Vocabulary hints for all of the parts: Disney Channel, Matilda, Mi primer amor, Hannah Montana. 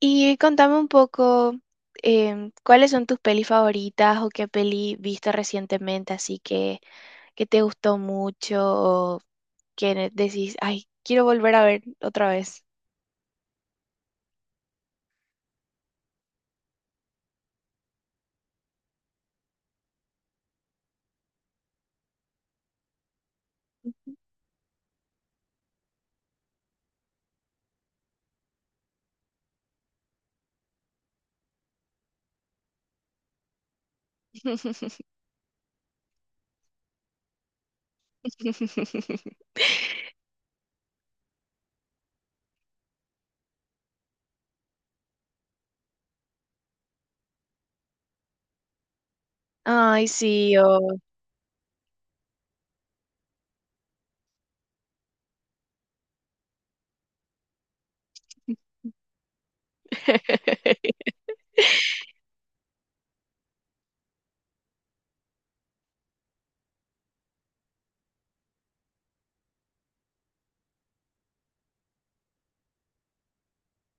Y contame un poco, ¿cuáles son tus pelis favoritas o qué peli viste recientemente así que te gustó mucho o decís, ay, quiero volver a ver otra vez? Ay, sí.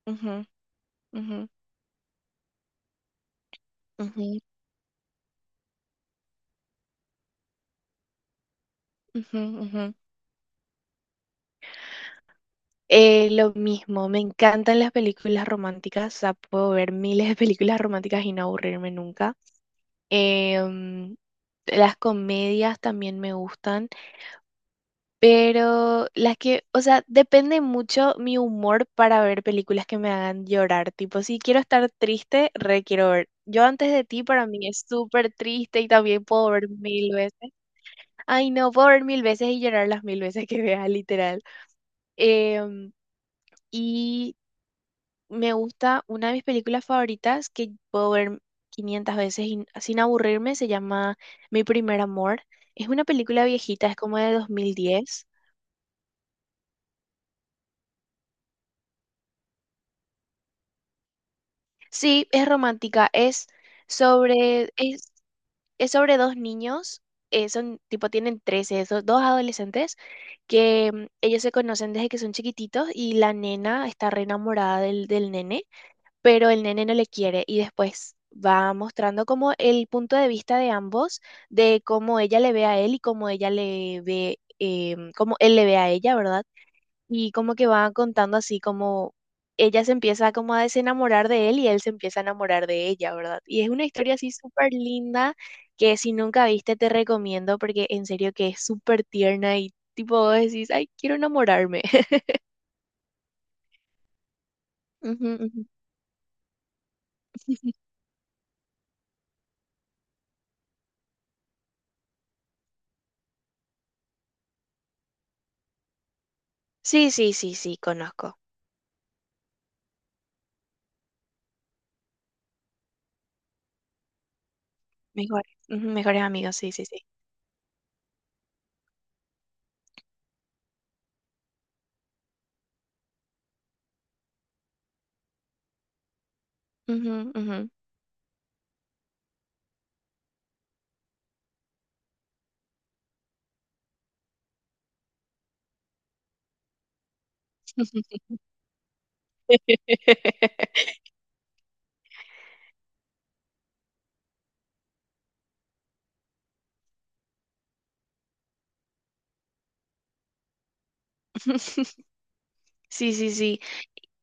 Ujú, ujú, ujú, ujú, ujú. Lo mismo, me encantan las películas románticas, o sea, puedo ver miles de películas románticas y no aburrirme nunca. Em, las comedias también me gustan, pero las que, o sea, depende mucho mi humor para ver películas que me hagan llorar, tipo, si quiero estar triste, re quiero ver. Yo antes de ti para mí es súper triste y también puedo ver mil veces. Ay, no, puedo ver mil veces y llorar las mil veces que vea, literal. Em, Y me gusta una de mis películas favoritas que puedo ver 500 veces sin aburrirme, se llama Mi primer amor. Es una película viejita, es como de 2010. Sí, es romántica, sobre, es, es sobre dos niños, son tipo, tienen 13 esos dos adolescentes que ellos se conocen desde que son chiquititos y la nena está re enamorada del nene, pero el nene no le quiere y después va mostrando como el punto de vista de ambos, de cómo ella le ve a él y cómo ella le ve, cómo él le ve a ella, ¿verdad? Y como que va contando así como ella se empieza como a desenamorar de él y él se empieza a enamorar de ella, ¿verdad? Y es una historia así súper linda que si nunca viste te recomiendo porque en serio que es súper tierna y tipo vos decís, ay, quiero enamorarme. Ujú, ujú. Sí, sí, sí, sí, conozco. Mejor, ujú, mejores amigos, sí, sí, sí. Ujú, ujú. Sí, sí, sí.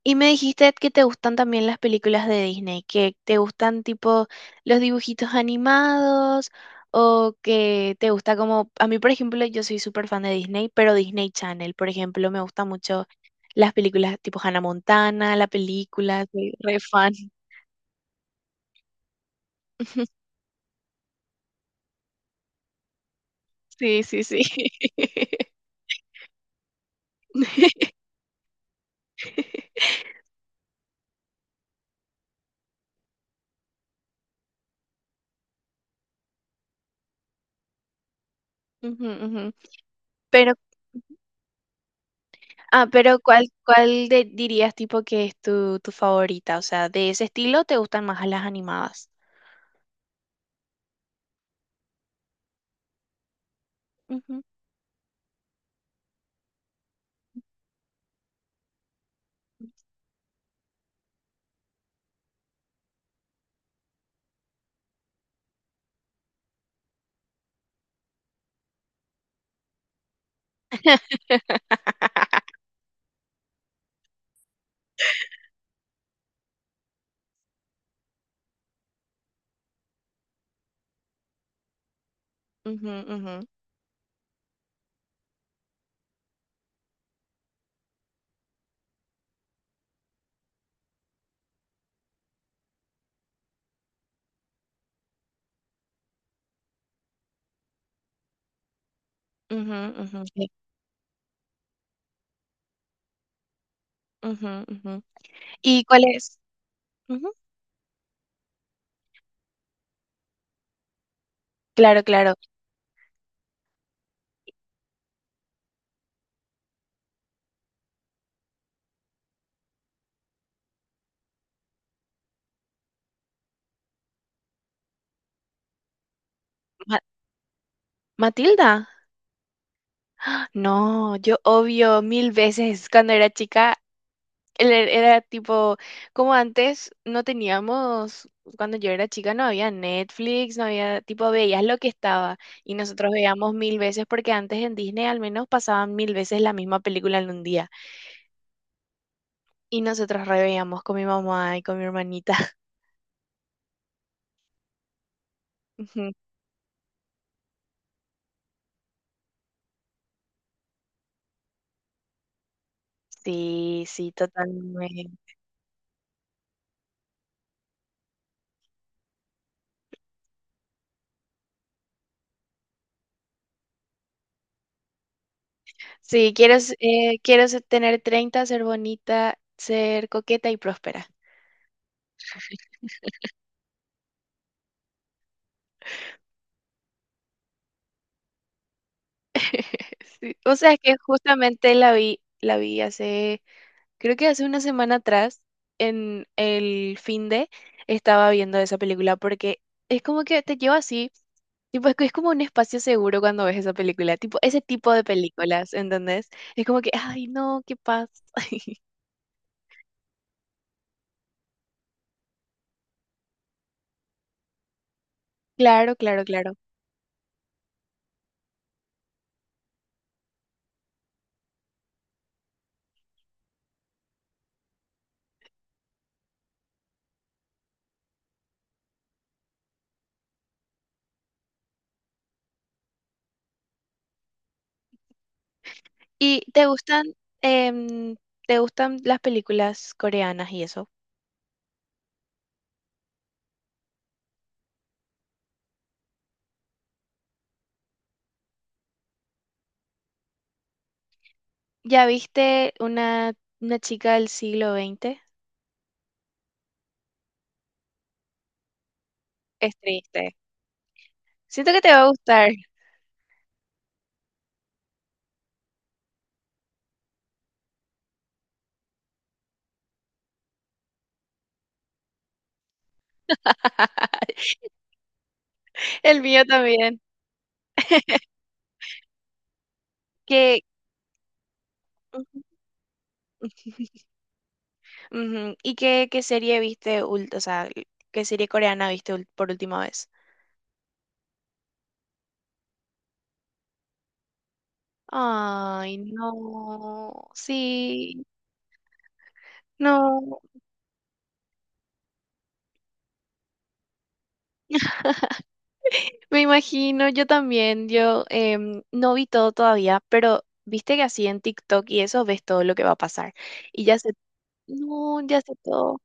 Y me dijiste que te gustan también las películas de Disney, que te gustan tipo los dibujitos animados o que te gusta como, a mí por ejemplo, yo soy súper fan de Disney, pero Disney Channel, por ejemplo, me gustan mucho las películas tipo Hannah Montana, la película, soy re fan. Sí, sí, sí. Ujú, ujú. Pero pero ¿cuál dirías tipo que es tu, tu favorita? O sea, de ese estilo te gustan más las animadas. Ujú, ujú, ujú, ujú, ujú, sí, ujú, ujú. ¿Y cuál es? Ujú. Claro, claro. Ma- ¿Matilda? ¡Ah! No, yo obvio mil veces cuando era chica él era tipo, como antes no teníamos, cuando yo era chica no había Netflix, no había, tipo, veías lo que estaba y nosotros veíamos mil veces porque antes en Disney al menos pasaban mil veces la misma película en un día y nosotros re veíamos con mi mamá y con mi hermanita. Ujú. Sí, sí, totalmente. Sí, quiero tener 30, ser bonita, ser coqueta y próspera. Sí, o sea, es que justamente la vi, hace, creo que hace una semana atrás, en el fin de, estaba viendo esa película porque es como que te lleva así, tipo, es, que es como un espacio seguro cuando ves esa película, tipo, ese tipo de películas, ¿entendés? Es como que, ay, no, qué paz. Claro, claro, claro. ¿Y em, te gustan las películas coreanas y eso? ¿Ya viste una chica del siglo XX? Es triste. Siento que te va a gustar. El mío también. Que ujú. Ujú. ¿Y qué serie viste, o sea, qué serie coreana viste por última vez? Ay, no, sí, no. Me imagino, yo también, no vi todo todavía, pero viste que así en TikTok y eso ves todo lo que va a pasar. Y ya sé, no, ya sé todo.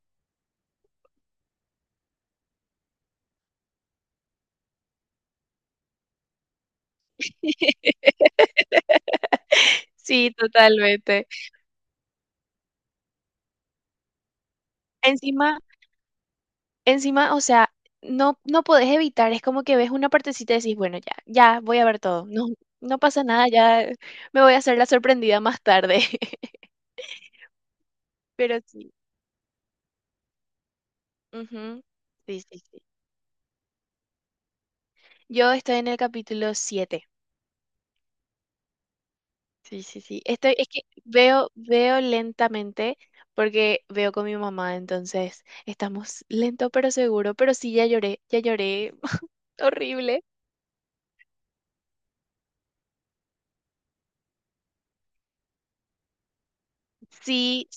Sí, totalmente. Encima, encima, o sea, no, no podés evitar, es como que ves una partecita y decís, bueno, ya, ya voy a ver todo. No, no pasa nada, ya me voy a hacer la sorprendida más tarde. Pero sí. Ujú, sí, sí, sí. Yo estoy en el capítulo 7. Sí, sí, sí. Estoy, es que veo, veo lentamente porque veo con mi mamá, entonces estamos lento pero seguro, pero sí, ya lloré horrible. Sí,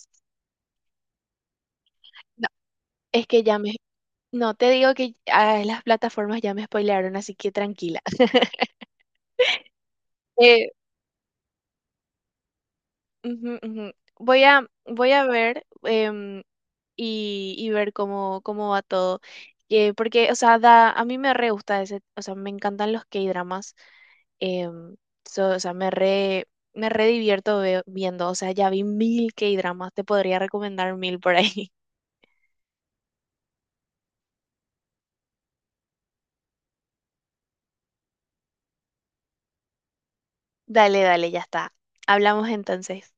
no, es que ya me, no te digo que ah, las plataformas ya me spoilearon, así que tranquila. Eh, Ujú, ujú. Voy a ver y ver cómo va todo. Porque, o sea, a mí me re gusta ese. O sea, me encantan los K-dramas. em, o sea, me re divierto viendo, o sea, ya vi mil K-dramas, te podría recomendar mil por ahí. Dale, dale, ya está. Hablamos entonces.